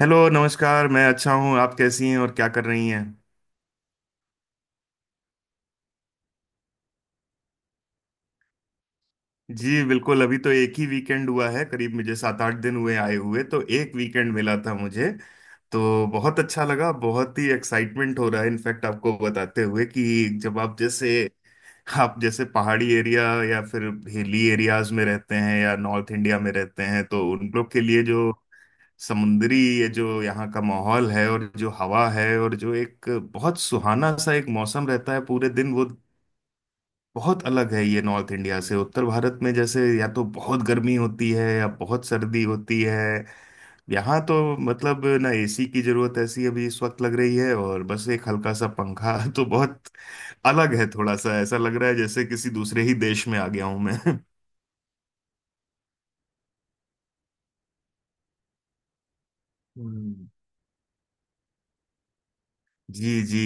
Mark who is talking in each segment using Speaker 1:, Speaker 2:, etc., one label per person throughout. Speaker 1: Hello, नमस्कार। मैं अच्छा हूँ, आप कैसी हैं और क्या कर रही हैं? जी बिल्कुल। अभी तो एक ही वीकेंड हुआ है, करीब मुझे 7 8 दिन हुए आए हुए, तो एक वीकेंड मिला था मुझे। तो बहुत अच्छा लगा, बहुत ही एक्साइटमेंट हो रहा है इनफैक्ट आपको बताते हुए कि जब आप जैसे पहाड़ी एरिया या फिर हिली एरियाज में रहते हैं या नॉर्थ इंडिया में रहते हैं, तो उन लोग के लिए जो समुद्री ये जो यहाँ का माहौल है और जो हवा है और जो एक बहुत सुहाना सा एक मौसम रहता है पूरे दिन, वो बहुत अलग है। ये नॉर्थ इंडिया से उत्तर भारत में जैसे या तो बहुत गर्मी होती है या बहुत सर्दी होती है। यहाँ तो मतलब ना एसी की जरूरत ऐसी अभी इस वक्त लग रही है और बस एक हल्का सा पंखा तो बहुत अलग है, थोड़ा सा ऐसा लग रहा है जैसे किसी दूसरे ही देश में आ गया हूं मैं हम्म। जी जी।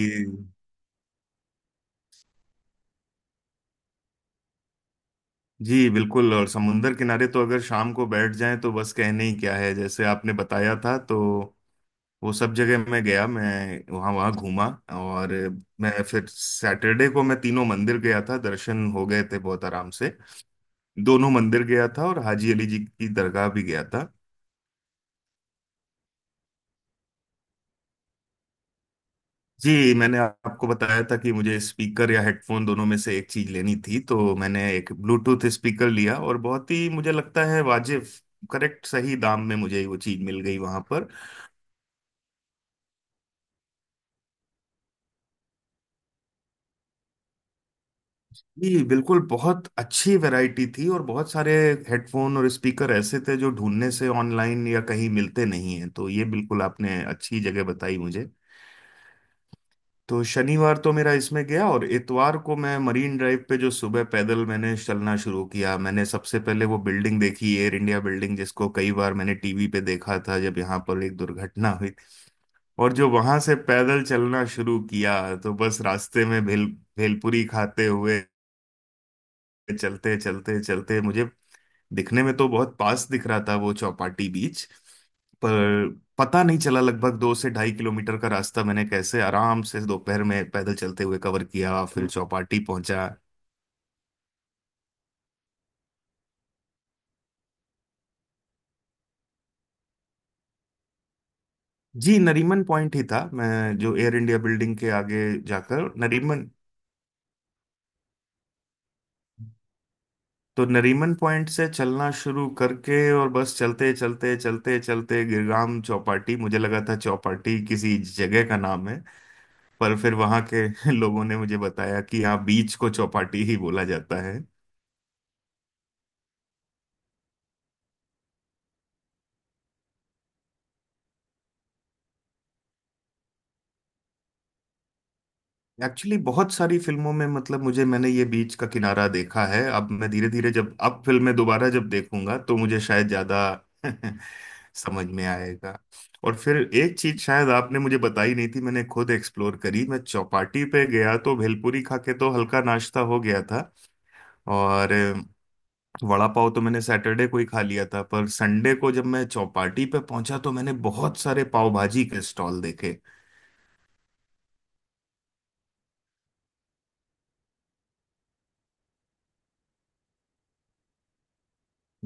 Speaker 1: जी बिल्कुल, और समुंदर किनारे तो अगर शाम को बैठ जाएं तो बस कहने ही क्या है, जैसे आपने बताया था। तो वो सब जगह मैं गया, मैं वहाँ वहाँ घूमा। और मैं फिर सैटरडे को मैं तीनों मंदिर गया था, दर्शन हो गए थे बहुत आराम से। दोनों मंदिर गया था और हाजी अली जी की दरगाह भी गया था। जी, मैंने आपको बताया था कि मुझे स्पीकर या हेडफोन दोनों में से एक चीज लेनी थी, तो मैंने एक ब्लूटूथ स्पीकर लिया और बहुत ही मुझे लगता है वाजिब करेक्ट सही दाम में मुझे वो चीज मिल गई वहां पर। जी बिल्कुल, बहुत अच्छी वैरायटी थी और बहुत सारे हेडफोन और स्पीकर ऐसे थे जो ढूंढने से ऑनलाइन या कहीं मिलते नहीं हैं, तो ये बिल्कुल आपने अच्छी जगह बताई मुझे। तो शनिवार तो मेरा इसमें गया, और इतवार को मैं मरीन ड्राइव पे जो सुबह पैदल मैंने चलना शुरू किया, मैंने सबसे पहले वो बिल्डिंग देखी, एयर इंडिया बिल्डिंग, जिसको कई बार मैंने टीवी पे देखा था जब यहाँ पर एक दुर्घटना हुई। और जो वहां से पैदल चलना शुरू किया, तो बस रास्ते में भेलपुरी खाते हुए चलते चलते चलते मुझे दिखने में तो बहुत पास दिख रहा था वो चौपाटी बीच, पर पता नहीं चला लगभग 2 से 2.5 किलोमीटर का रास्ता मैंने कैसे आराम से दोपहर में पैदल चलते हुए कवर किया, फिर चौपाटी पहुंचा। जी नरीमन पॉइंट ही था, मैं जो एयर इंडिया बिल्डिंग के आगे जाकर नरीमन, तो नरीमन पॉइंट से चलना शुरू करके और बस चलते चलते चलते चलते गिरगाम चौपाटी, मुझे लगा था चौपाटी किसी जगह का नाम है, पर फिर वहां के लोगों ने मुझे बताया कि यहाँ बीच को चौपाटी ही बोला जाता है। एक्चुअली बहुत सारी फिल्मों में मतलब मुझे मैंने ये बीच का किनारा देखा है, अब मैं धीरे धीरे जब अब फिल्में दोबारा जब देखूंगा तो मुझे शायद ज्यादा समझ में आएगा। और फिर एक चीज शायद आपने मुझे बताई नहीं थी, मैंने खुद एक्सप्लोर करी, मैं चौपाटी पे गया तो भेलपूरी खा के तो हल्का नाश्ता हो गया था। और वड़ा पाव तो मैंने सैटरडे को ही खा लिया था, पर संडे को जब मैं चौपाटी पे पहुंचा तो मैंने बहुत सारे पाव भाजी के स्टॉल देखे।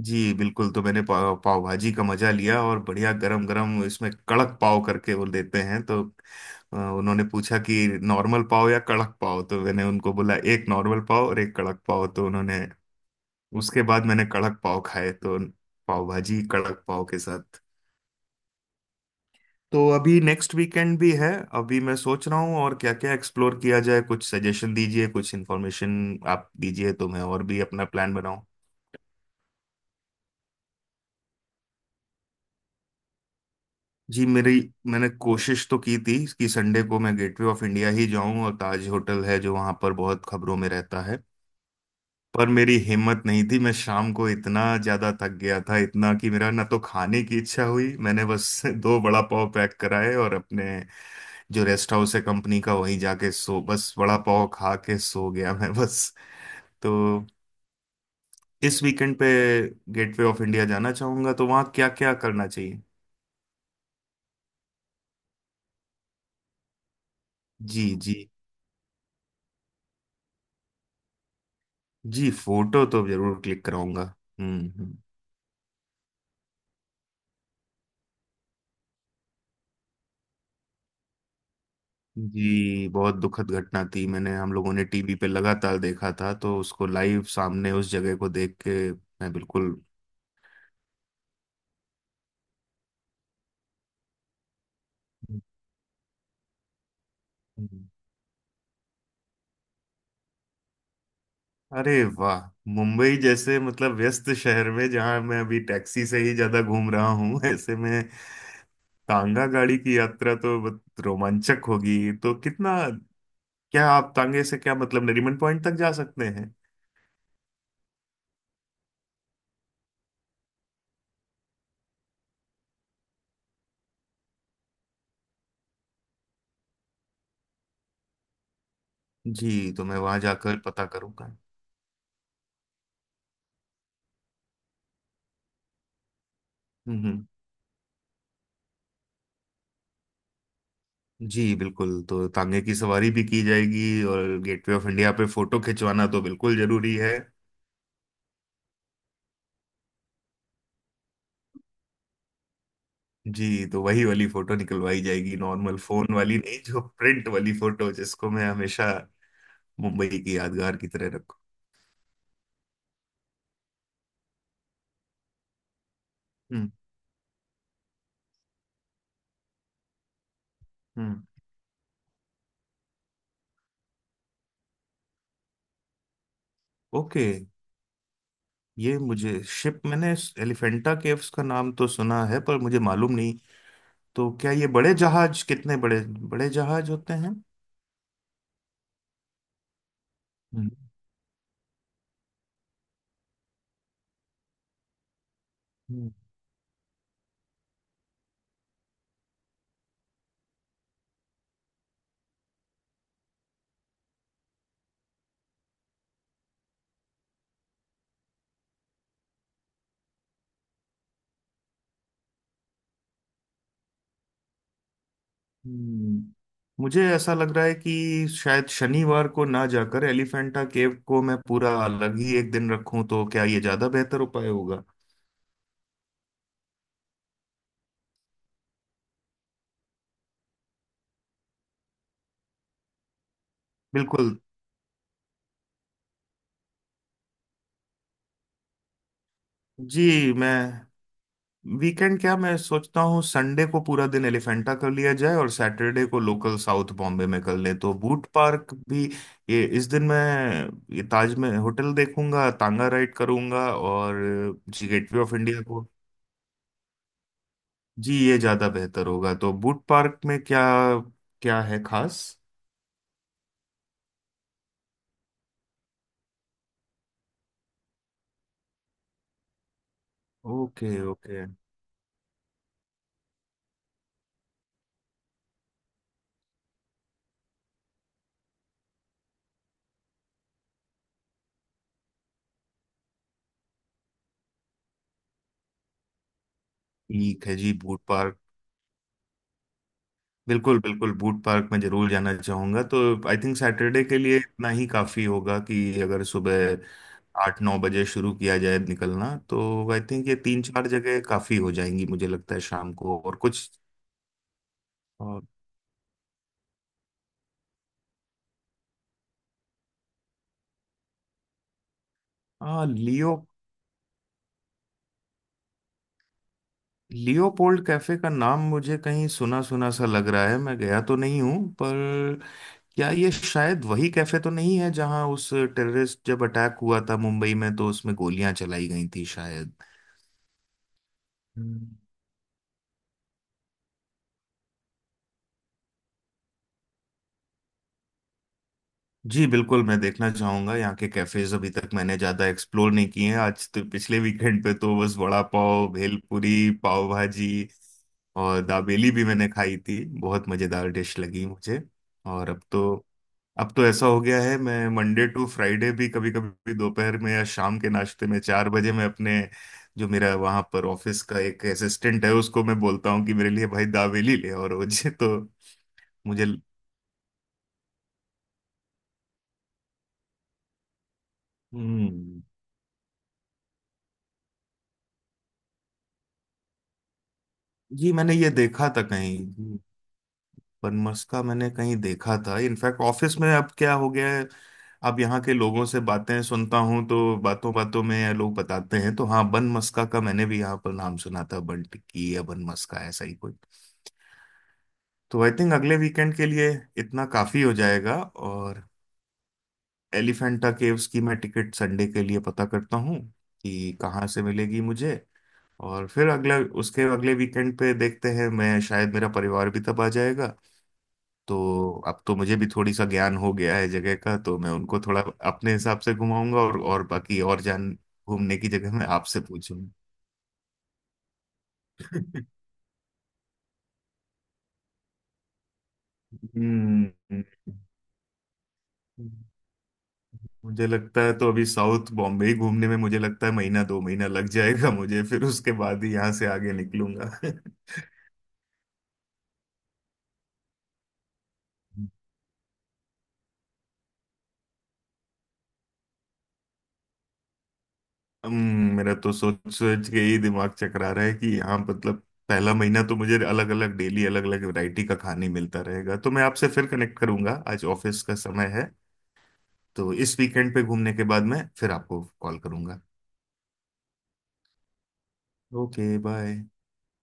Speaker 1: जी बिल्कुल, तो मैंने पाव भाजी का मजा लिया, और बढ़िया गरम गरम इसमें कड़क पाव करके वो देते हैं। तो उन्होंने पूछा कि नॉर्मल पाव या कड़क पाव, तो मैंने उनको बोला एक नॉर्मल पाव और एक कड़क पाव, तो उन्होंने उसके बाद मैंने कड़क पाव खाए, तो पाव भाजी कड़क पाव के साथ। तो अभी नेक्स्ट वीकेंड भी है, अभी मैं सोच रहा हूँ और क्या क्या एक्सप्लोर किया जाए, कुछ सजेशन दीजिए, कुछ इन्फॉर्मेशन आप दीजिए तो मैं और भी अपना प्लान बनाऊँ। जी मेरी, मैंने कोशिश तो की थी कि संडे को मैं गेटवे ऑफ इंडिया ही जाऊं और ताज होटल है जो वहां पर बहुत खबरों में रहता है, पर मेरी हिम्मत नहीं थी, मैं शाम को इतना ज्यादा थक गया था इतना कि मेरा ना तो खाने की इच्छा हुई, मैंने बस दो बड़ा पाव पैक कराए और अपने जो रेस्ट हाउस है कंपनी का वहीं जाके सो, बस बड़ा पाव खा के सो गया मैं बस। तो इस वीकेंड पे गेटवे ऑफ इंडिया जाना चाहूंगा, तो वहां क्या क्या करना चाहिए? जी जी। जी, फोटो तो जरूर क्लिक कराऊंगा। हम्म हम्म। जी बहुत दुखद घटना थी, मैंने हम लोगों ने टीवी पे लगातार देखा था, तो उसको लाइव सामने उस जगह को देख के मैं बिल्कुल। हम्म। अरे वाह, मुंबई जैसे मतलब व्यस्त शहर में जहां मैं अभी टैक्सी से ही ज्यादा घूम रहा हूँ ऐसे में तांगा गाड़ी की यात्रा तो बहुत रोमांचक होगी। तो कितना, क्या आप तांगे से क्या मतलब नरीमन पॉइंट तक जा सकते हैं? जी तो मैं वहां जाकर पता करूंगा। हम्म हम्म। जी बिल्कुल, तो तांगे की सवारी भी की जाएगी और गेटवे ऑफ इंडिया पे फोटो खिंचवाना तो बिल्कुल जरूरी है। जी तो वही वाली फोटो निकलवाई जाएगी, नॉर्मल फोन वाली नहीं, जो प्रिंट वाली फोटो जिसको मैं हमेशा मुंबई की यादगार की तरह रखूं। हम्म हम्म। ओके। ये मुझे शिप मैंने एलिफेंटा केव्स का नाम तो सुना है पर मुझे मालूम नहीं। तो क्या ये बड़े जहाज, कितने बड़े बड़े जहाज होते हैं? हम्म हम्म, मुझे ऐसा लग रहा है कि शायद शनिवार को ना जाकर एलिफेंटा केव को मैं पूरा अलग ही एक दिन रखूं, तो क्या ये ज्यादा बेहतर उपाय होगा? बिल्कुल। जी मैं, वीकेंड क्या मैं सोचता हूँ संडे को पूरा दिन एलिफेंटा कर लिया जाए और सैटरडे को लोकल साउथ बॉम्बे में कर लें, तो बूट पार्क भी ये इस दिन मैं ये ताज में होटल देखूंगा, तांगा राइड करूंगा और जी गेटवे ऑफ इंडिया को। जी ये ज्यादा बेहतर होगा। तो बूट पार्क में क्या, क्या है खास? Okay okay. ठीक है जी, बूट पार्क। बिल्कुल बिल्कुल, बूट पार्क में जरूर जाना चाहूंगा। तो आई थिंक सैटरडे के लिए इतना ही काफी होगा कि अगर सुबह 8 9 बजे शुरू किया जाए निकलना, तो आई थिंक ये तीन चार जगह काफी हो जाएंगी, मुझे लगता है शाम को और कुछ। और हाँ, लियोपोल्ड कैफे का नाम मुझे कहीं सुना सुना सा लग रहा है, मैं गया तो नहीं हूँ, पर क्या ये शायद वही कैफे तो नहीं है जहां उस टेररिस्ट जब अटैक हुआ था मुंबई में तो उसमें गोलियां चलाई गई थी शायद? हम्म। जी बिल्कुल, मैं देखना चाहूंगा यहाँ के कैफेज। अभी तक मैंने ज्यादा एक्सप्लोर नहीं किए हैं आज तो, पिछले वीकेंड पे तो बस वड़ा पाव, भेलपुरी, पाव भाजी और दाबेली भी मैंने खाई थी, बहुत मजेदार डिश लगी मुझे। और अब तो ऐसा हो गया है मैं मंडे टू फ्राइडे भी कभी कभी दोपहर में या शाम के नाश्ते में 4 बजे मैं अपने जो मेरा वहां पर ऑफिस का एक असिस्टेंट है, उसको मैं बोलता हूँ कि मेरे लिए भाई दावेली ले, और रोज तो मुझे हम्म। जी मैंने ये देखा था कहीं, बनमस्का मैंने कहीं देखा था इनफैक्ट ऑफिस में अब क्या हो गया है, अब यहाँ के लोगों से बातें सुनता हूँ तो बातों बातों में लोग बताते हैं, तो हाँ बनमस्का का मैंने भी यहाँ पर नाम सुना था, बन टिक्की या बनमस्का ऐसा ही। तो आई थिंक अगले वीकेंड के लिए इतना काफी हो जाएगा। और एलिफेंटा केव्स की मैं टिकट संडे के लिए पता करता हूँ कि कहाँ से मिलेगी मुझे। और फिर अगला उसके अगले वीकेंड पे देखते हैं, मैं शायद मेरा परिवार भी तब आ जाएगा, तो अब तो मुझे भी थोड़ी सा ज्ञान हो गया है जगह का, तो मैं उनको थोड़ा अपने हिसाब से घुमाऊंगा, और बाकी और जान घूमने की जगह मैं आपसे पूछूंगा। हम्म। मुझे लगता है तो अभी साउथ बॉम्बे ही घूमने में मुझे लगता है महीना 2 महीना लग जाएगा मुझे, फिर उसके बाद ही यहाँ से आगे निकलूंगा मेरा तो सोच सोच के ही दिमाग चकरा रहा है कि यहाँ मतलब पहला महीना तो मुझे अलग अलग डेली अलग अलग वैरायटी का खाने मिलता रहेगा। तो मैं आपसे फिर कनेक्ट करूंगा, आज ऑफिस का समय है। तो इस वीकेंड पे घूमने के बाद मैं फिर आपको कॉल करूंगा। Okay bye.